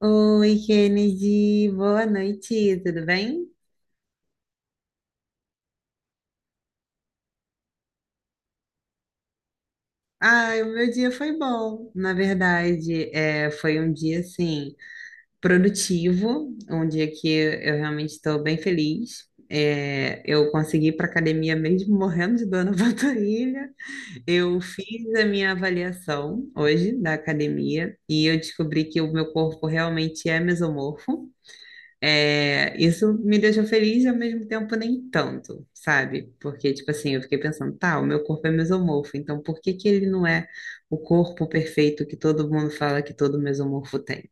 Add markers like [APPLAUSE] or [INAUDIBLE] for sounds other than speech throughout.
Oi, Kennedy, boa noite, tudo bem? Ai, o meu dia foi bom, na verdade, é, foi um dia, assim, produtivo, um dia que eu realmente estou bem feliz. É, eu consegui ir para academia mesmo morrendo de dor na [LAUGHS] panturrilha, eu fiz a minha avaliação hoje da academia e eu descobri que o meu corpo realmente é mesomorfo. É, isso me deixou feliz e ao mesmo tempo nem tanto, sabe? Porque, tipo assim, eu fiquei pensando, tá, o meu corpo é mesomorfo, então por que que ele não é o corpo perfeito que todo mundo fala que todo mesomorfo tem?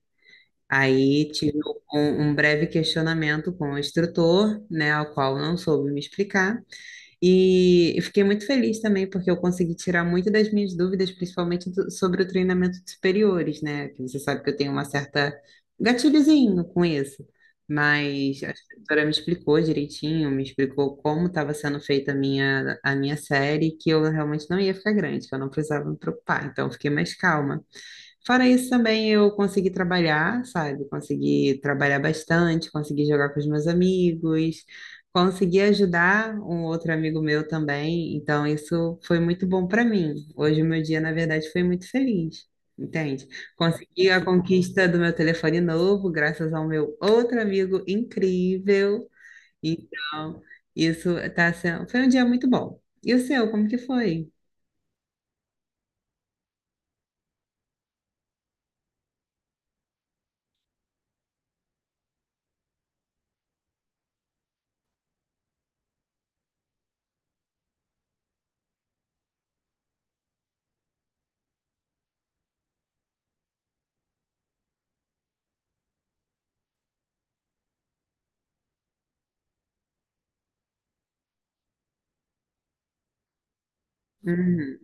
Aí tive um breve questionamento com o instrutor, né, ao qual eu não soube me explicar. E eu fiquei muito feliz também, porque eu consegui tirar muito das minhas dúvidas, principalmente sobre o treinamento de superiores, né? Que você sabe que eu tenho uma certa gatilhozinho com isso. Mas a instrutora me explicou direitinho, me explicou como estava sendo feita a minha série, que eu realmente não ia ficar grande, que eu não precisava me preocupar. Então, eu fiquei mais calma. Fora isso, também eu consegui trabalhar, sabe? Consegui trabalhar bastante, consegui jogar com os meus amigos, consegui ajudar um outro amigo meu também. Então, isso foi muito bom para mim. Hoje, o meu dia, na verdade, foi muito feliz, entende? Consegui a conquista do meu telefone novo, graças ao meu outro amigo incrível. Então, isso tá sendo... foi um dia muito bom. E o seu, como que foi? Uhum.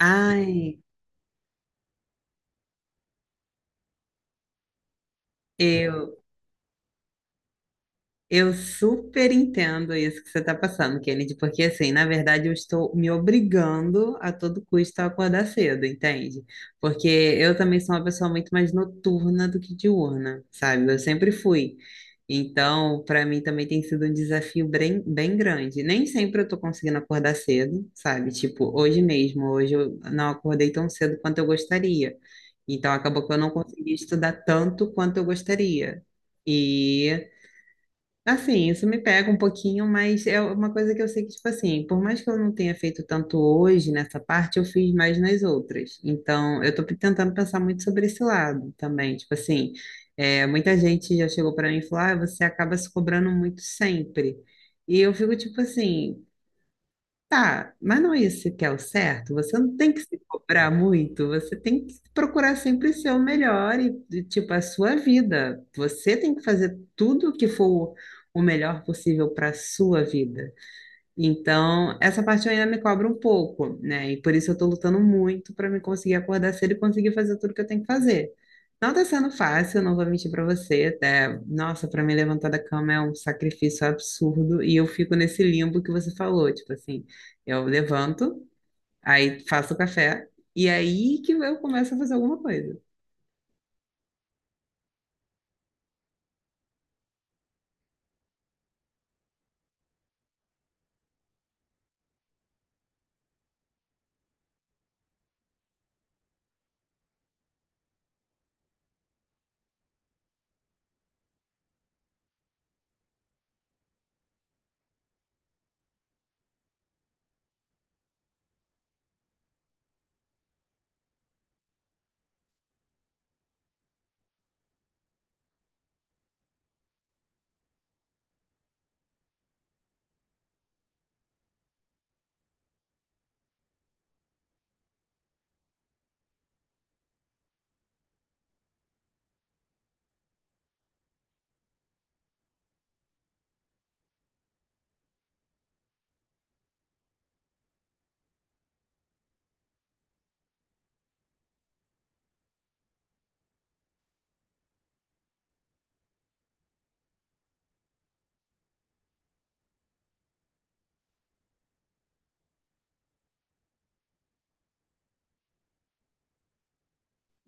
Ai. Eu Eu super entendo isso que você está passando, Kennedy, porque assim, na verdade, eu estou me obrigando a todo custo a acordar cedo, entende? Porque eu também sou uma pessoa muito mais noturna do que diurna, sabe? Eu sempre fui. Então, para mim também tem sido um desafio bem, bem grande. Nem sempre eu estou conseguindo acordar cedo, sabe? Tipo, hoje mesmo, hoje eu não acordei tão cedo quanto eu gostaria. Então, acabou que eu não consegui estudar tanto quanto eu gostaria. E assim, isso me pega um pouquinho, mas é uma coisa que eu sei que, tipo assim, por mais que eu não tenha feito tanto hoje nessa parte, eu fiz mais nas outras. Então, eu tô tentando pensar muito sobre esse lado também. Tipo assim, é, muita gente já chegou para mim e falou, ah, você acaba se cobrando muito sempre. E eu fico tipo assim, tá, mas não é isso que é o certo. Você não tem que se cobrar muito, você tem que procurar sempre ser o melhor e, tipo, a sua vida. Você tem que fazer tudo o que for o melhor possível para a sua vida. Então, essa parte ainda me cobra um pouco, né? E por isso eu tô lutando muito para me conseguir acordar cedo e conseguir fazer tudo que eu tenho que fazer. Não tá sendo fácil, não vou mentir para você, até, nossa, para me levantar da cama é um sacrifício absurdo e eu fico nesse limbo que você falou, tipo assim, eu levanto, aí faço o café e aí que eu começo a fazer alguma coisa.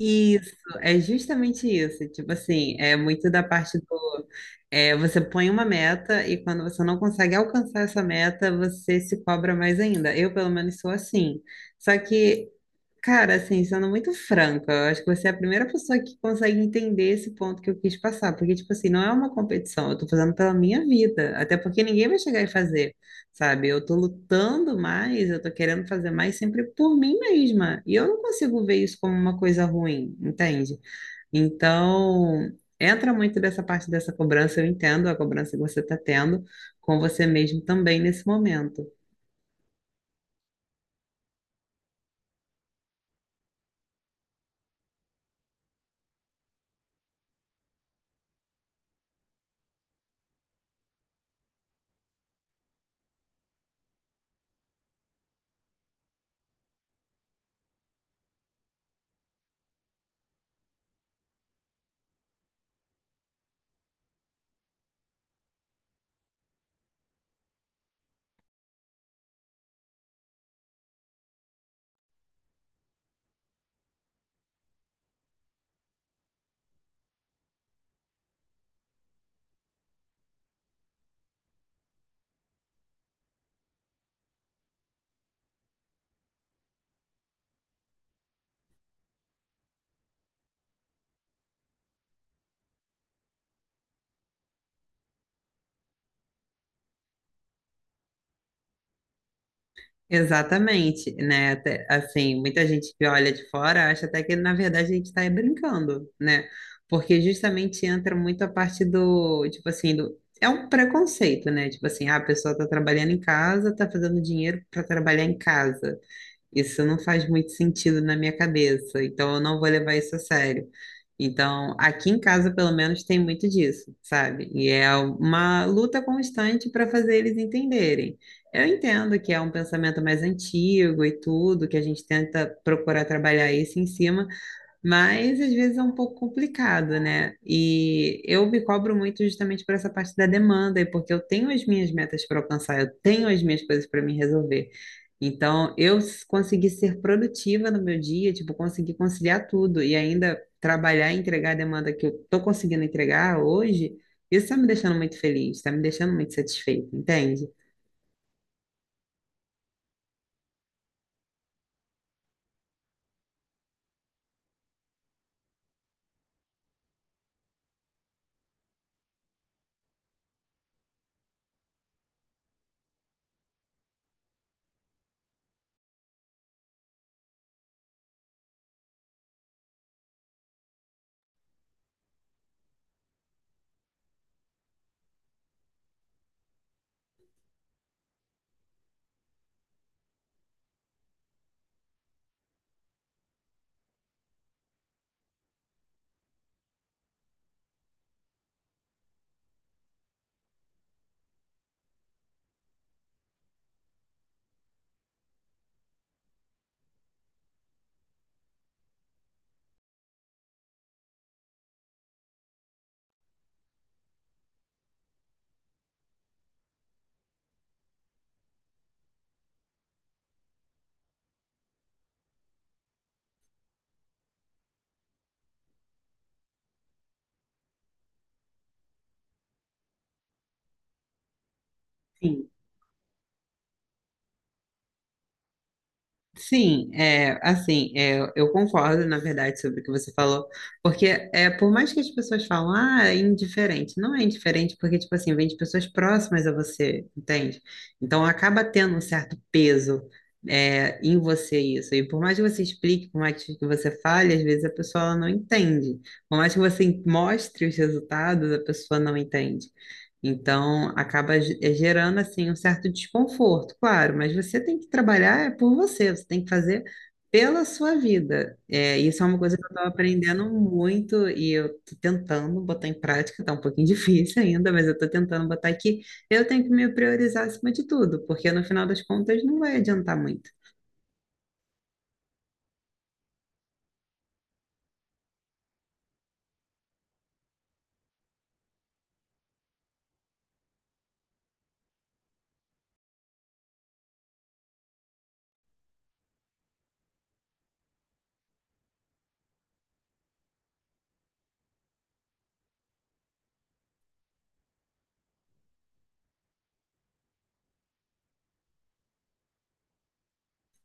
Isso, é justamente isso, tipo assim, é muito da parte do... é, você põe uma meta e quando você não consegue alcançar essa meta, você se cobra mais ainda. Eu, pelo menos, sou assim. Só que, cara, assim, sendo muito franca, eu acho que você é a primeira pessoa que consegue entender esse ponto que eu quis passar. Porque, tipo assim, não é uma competição, eu tô fazendo pela minha vida. Até porque ninguém vai chegar e fazer, sabe? Eu tô lutando mais, eu tô querendo fazer mais sempre por mim mesma. E eu não consigo ver isso como uma coisa ruim, entende? Então, entra muito dessa parte dessa cobrança, eu entendo a cobrança que você está tendo com você mesmo também nesse momento. Exatamente, né? Até, assim, muita gente que olha de fora acha até que, na verdade, a gente está brincando, né? Porque justamente entra muito a parte do, tipo assim, do, é um preconceito, né? Tipo assim, ah, a pessoa está trabalhando em casa, está fazendo dinheiro para trabalhar em casa. Isso não faz muito sentido na minha cabeça, então eu não vou levar isso a sério. Então, aqui em casa, pelo menos, tem muito disso, sabe? E é uma luta constante para fazer eles entenderem. Eu entendo que é um pensamento mais antigo e tudo, que a gente tenta procurar trabalhar isso em cima, mas às vezes é um pouco complicado, né? E eu me cobro muito justamente por essa parte da demanda, e porque eu tenho as minhas metas para alcançar, eu tenho as minhas coisas para me resolver. Então, eu consegui ser produtiva no meu dia, tipo, consegui conciliar tudo e ainda trabalhar e entregar a demanda que eu tô conseguindo entregar hoje, isso está me deixando muito feliz, está me deixando muito satisfeita, entende? Sim, é, assim, é, eu concordo, na verdade, sobre o que você falou, porque é, por mais que as pessoas falam, ah, é indiferente, não é indiferente porque, tipo assim, vem de pessoas próximas a você, entende? Então, acaba tendo um certo peso, é, em você isso, e por mais que você explique, por mais que você fale, às vezes a pessoa ela não entende, por mais que você mostre os resultados, a pessoa não entende. Então, acaba gerando assim um certo desconforto, claro, mas você tem que trabalhar é por você, você tem que fazer pela sua vida. É, isso é uma coisa que eu estou aprendendo muito e eu estou tentando botar em prática, está um pouquinho [LAUGHS] difícil ainda, mas eu estou tentando botar aqui. Eu tenho que me priorizar acima de tudo, porque no final das contas não vai adiantar muito.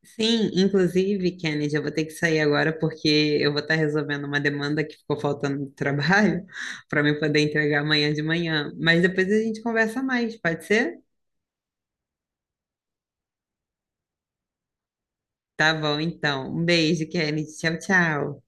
Sim, inclusive, Kennedy, eu vou ter que sair agora porque eu vou estar resolvendo uma demanda que ficou faltando no trabalho [LAUGHS] para me poder entregar amanhã de manhã. Mas depois a gente conversa mais, pode ser? Tá bom, então. Um beijo, Kennedy. Tchau, tchau.